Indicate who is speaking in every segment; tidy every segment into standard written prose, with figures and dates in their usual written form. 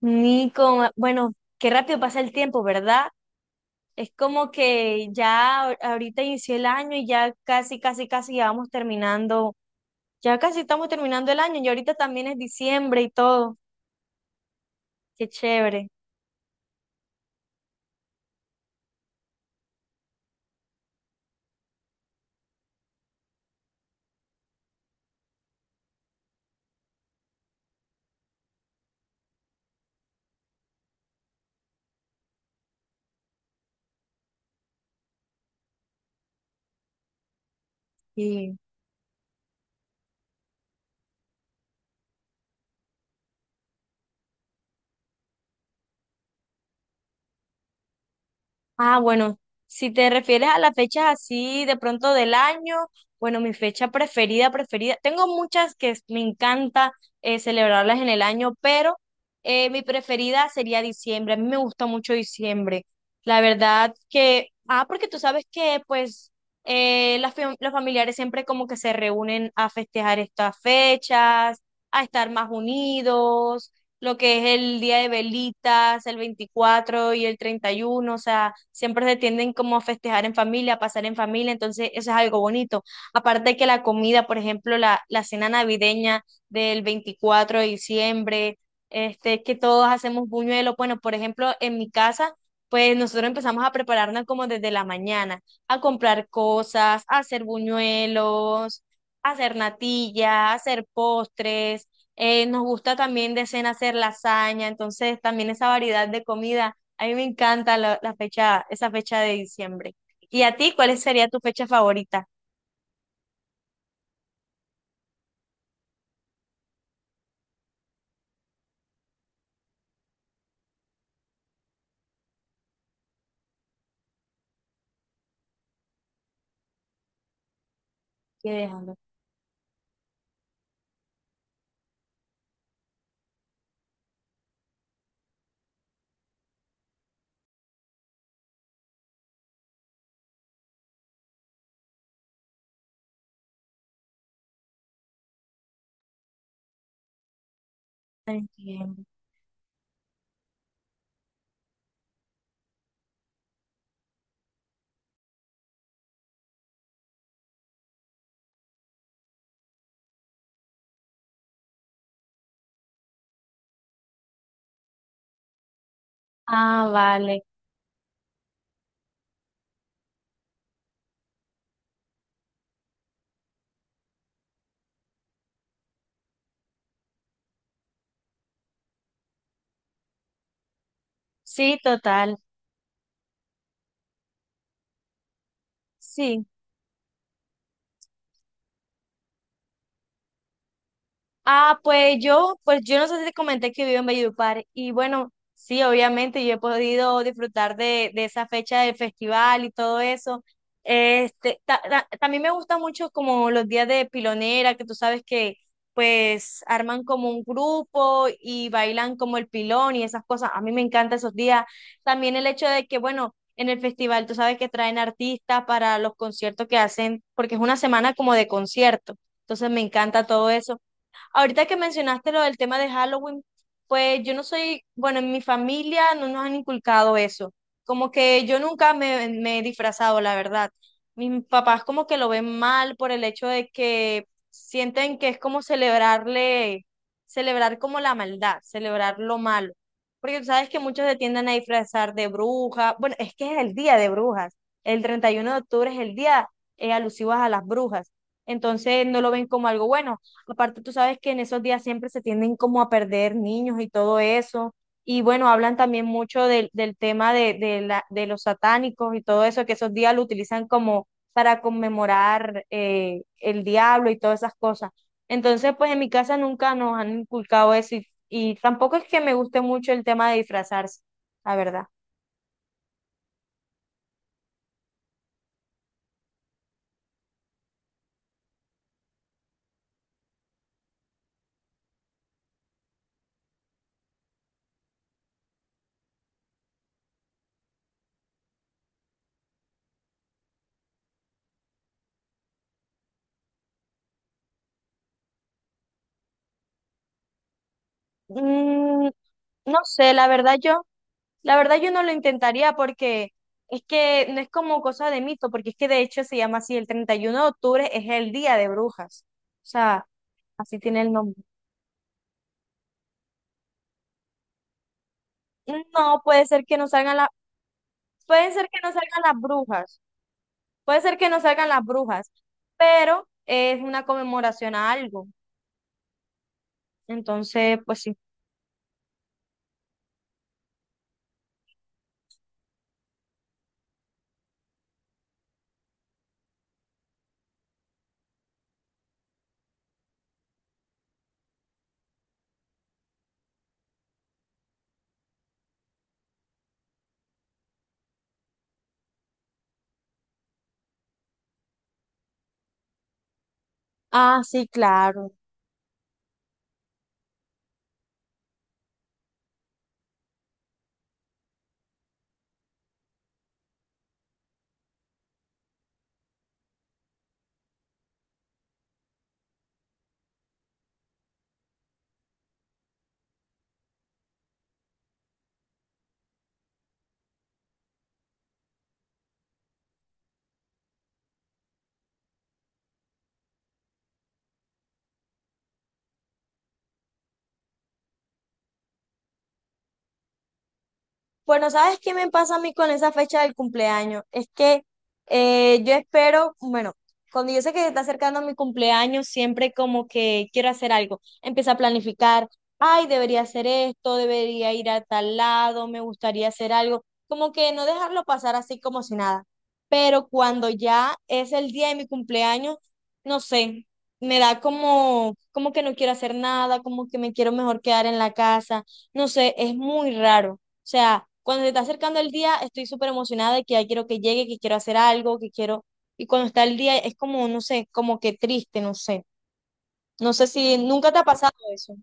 Speaker 1: Nico, bueno, qué rápido pasa el tiempo, ¿verdad? Es como que ya ahorita inició el año y ya casi, casi, casi ya vamos terminando, ya casi estamos terminando el año y ahorita también es diciembre y todo, qué chévere. Sí. Ah, bueno, si te refieres a las fechas así de pronto del año, bueno, mi fecha preferida, preferida, tengo muchas me encanta celebrarlas en el año, pero mi preferida sería diciembre. A mí me gusta mucho diciembre. La verdad que, porque tú sabes que pues las los familiares siempre como que se reúnen a festejar estas fechas, a estar más unidos lo que es el día de velitas, el 24 y el 31, o sea, siempre se tienden como a festejar en familia, a pasar en familia, entonces eso es algo bonito. Aparte de que la comida, por ejemplo, la cena navideña del 24 de diciembre, que todos hacemos buñuelos, bueno, por ejemplo, en mi casa, pues nosotros empezamos a prepararnos como desde la mañana, a comprar cosas, a hacer buñuelos, a hacer natilla, a hacer postres. Nos gusta también de cena hacer lasaña, entonces también esa variedad de comida. A mí me encanta la fecha, esa fecha de diciembre. ¿Y a ti cuál sería tu fecha favorita? Que déjalo, entiendo. Ah, vale. Sí, total. Sí. Ah, pues yo no sé si te comenté que vivo en Valledupar y bueno, sí, obviamente yo he podido disfrutar de esa fecha del festival y todo eso. También me gusta mucho como los días de pilonera, que tú sabes que pues arman como un grupo y bailan como el pilón y esas cosas. A mí me encantan esos días. También el hecho de que, bueno, en el festival tú sabes que traen artistas para los conciertos que hacen, porque es una semana como de concierto. Entonces me encanta todo eso. Ahorita que mencionaste lo del tema de Halloween, pues yo no soy, bueno, en mi familia no nos han inculcado eso. Como que yo nunca me he disfrazado, la verdad. Mis papás como que lo ven mal por el hecho de que sienten que es como celebrarle, celebrar como la maldad, celebrar lo malo. Porque tú sabes que muchos se tienden a disfrazar de bruja. Bueno, es que es el día de brujas. El 31 de octubre es el día alusivo a las brujas. Entonces no lo ven como algo bueno. Aparte, tú sabes que en esos días siempre se tienden como a perder niños y todo eso. Y bueno, hablan también mucho del tema de los satánicos y todo eso, que esos días lo utilizan como para conmemorar el diablo y todas esas cosas. Entonces, pues en mi casa nunca nos han inculcado eso y tampoco es que me guste mucho el tema de disfrazarse, la verdad. Mm, no sé, La verdad yo no lo intentaría porque es que no es como cosa de mito, porque es que de hecho se llama así, el 31 de octubre es el día de brujas. O sea, así tiene el nombre. No, pueden ser que no salgan las brujas, puede ser que no salgan las brujas, pero es una conmemoración a algo. Entonces, pues sí. Ah, sí, claro. Bueno, ¿sabes qué me pasa a mí con esa fecha del cumpleaños? Es que yo espero, bueno, cuando yo sé que se está acercando mi cumpleaños, siempre como que quiero hacer algo. Empiezo a planificar, ay, debería hacer esto, debería ir a tal lado, me gustaría hacer algo. Como que no dejarlo pasar así como si nada. Pero cuando ya es el día de mi cumpleaños, no sé, me da como, como que no quiero hacer nada, como que me quiero mejor quedar en la casa. No sé, es muy raro. O sea, cuando se está acercando el día, estoy súper emocionada de que ya quiero que llegue, que quiero hacer algo, que quiero... Y cuando está el día, es como, no sé, como que triste, no sé. No sé si nunca te ha pasado eso.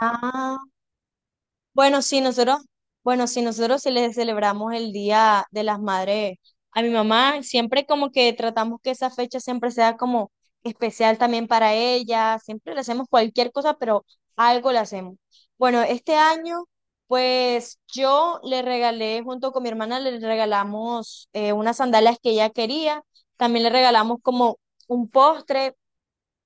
Speaker 1: Ah. Bueno, sí, nosotros, bueno, sí, nosotros sí les celebramos el Día de las Madres a mi mamá. Siempre como que tratamos que esa fecha siempre sea como especial también para ella. Siempre le hacemos cualquier cosa, pero algo le hacemos. Bueno, este año, pues yo le regalé, junto con mi hermana, le regalamos unas sandalias que ella quería. También le regalamos como un postre.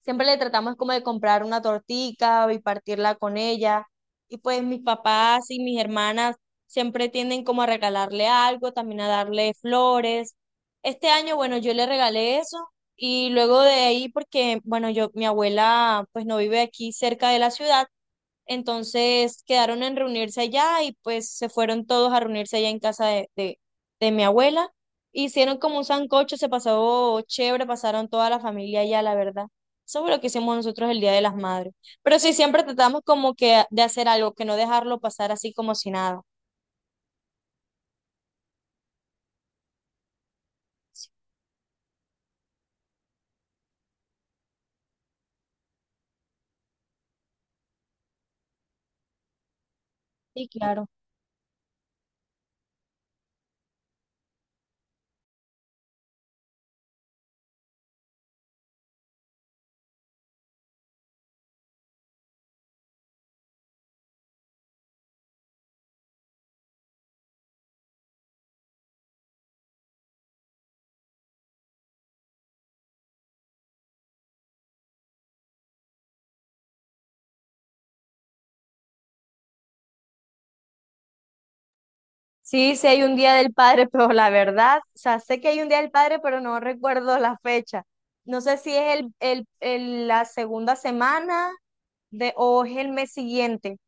Speaker 1: Siempre le tratamos como de comprar una tortica y partirla con ella. Y pues mis papás y mis hermanas siempre tienden como a regalarle algo, también a darle flores. Este año, bueno, yo le regalé eso y luego de ahí, porque, bueno, yo, mi abuela pues no vive aquí cerca de la ciudad, entonces quedaron en reunirse allá y pues se fueron todos a reunirse allá en casa de mi abuela. Hicieron como un sancocho, se pasó chévere, pasaron toda la familia allá, la verdad. Eso fue lo que hicimos nosotros el Día de las Madres. Pero sí, siempre tratamos como que de hacer algo, que no dejarlo pasar así como si nada. Sí, claro. Sí, sí hay un Día del Padre, pero la verdad, o sea, sé que hay un Día del Padre, pero no recuerdo la fecha. No sé si es la segunda semana de, o es el mes siguiente,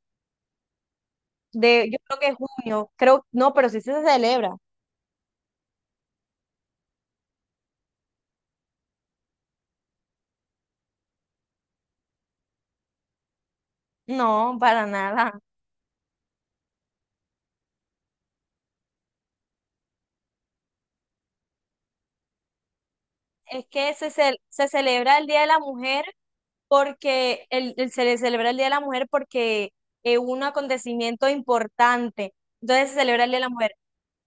Speaker 1: de, yo creo que es junio, creo, no, pero sí se celebra. No, para nada. Es que se celebra el Día de la Mujer porque, se le celebra el Día de la Mujer porque es un acontecimiento importante. Entonces se celebra el Día de la Mujer.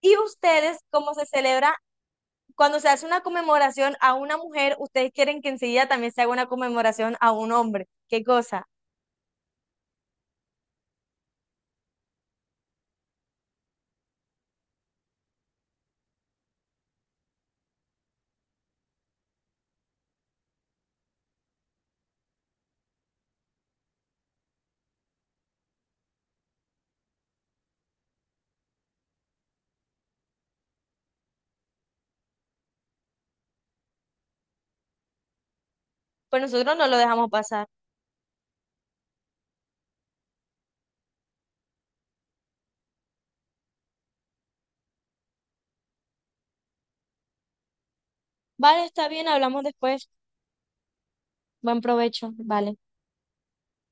Speaker 1: ¿Y ustedes cómo se celebra cuando se hace una conmemoración a una mujer, ustedes quieren que enseguida también se haga una conmemoración a un hombre? ¿Qué cosa? Pues nosotros no lo dejamos pasar. Vale, está bien, hablamos después. Buen provecho, vale.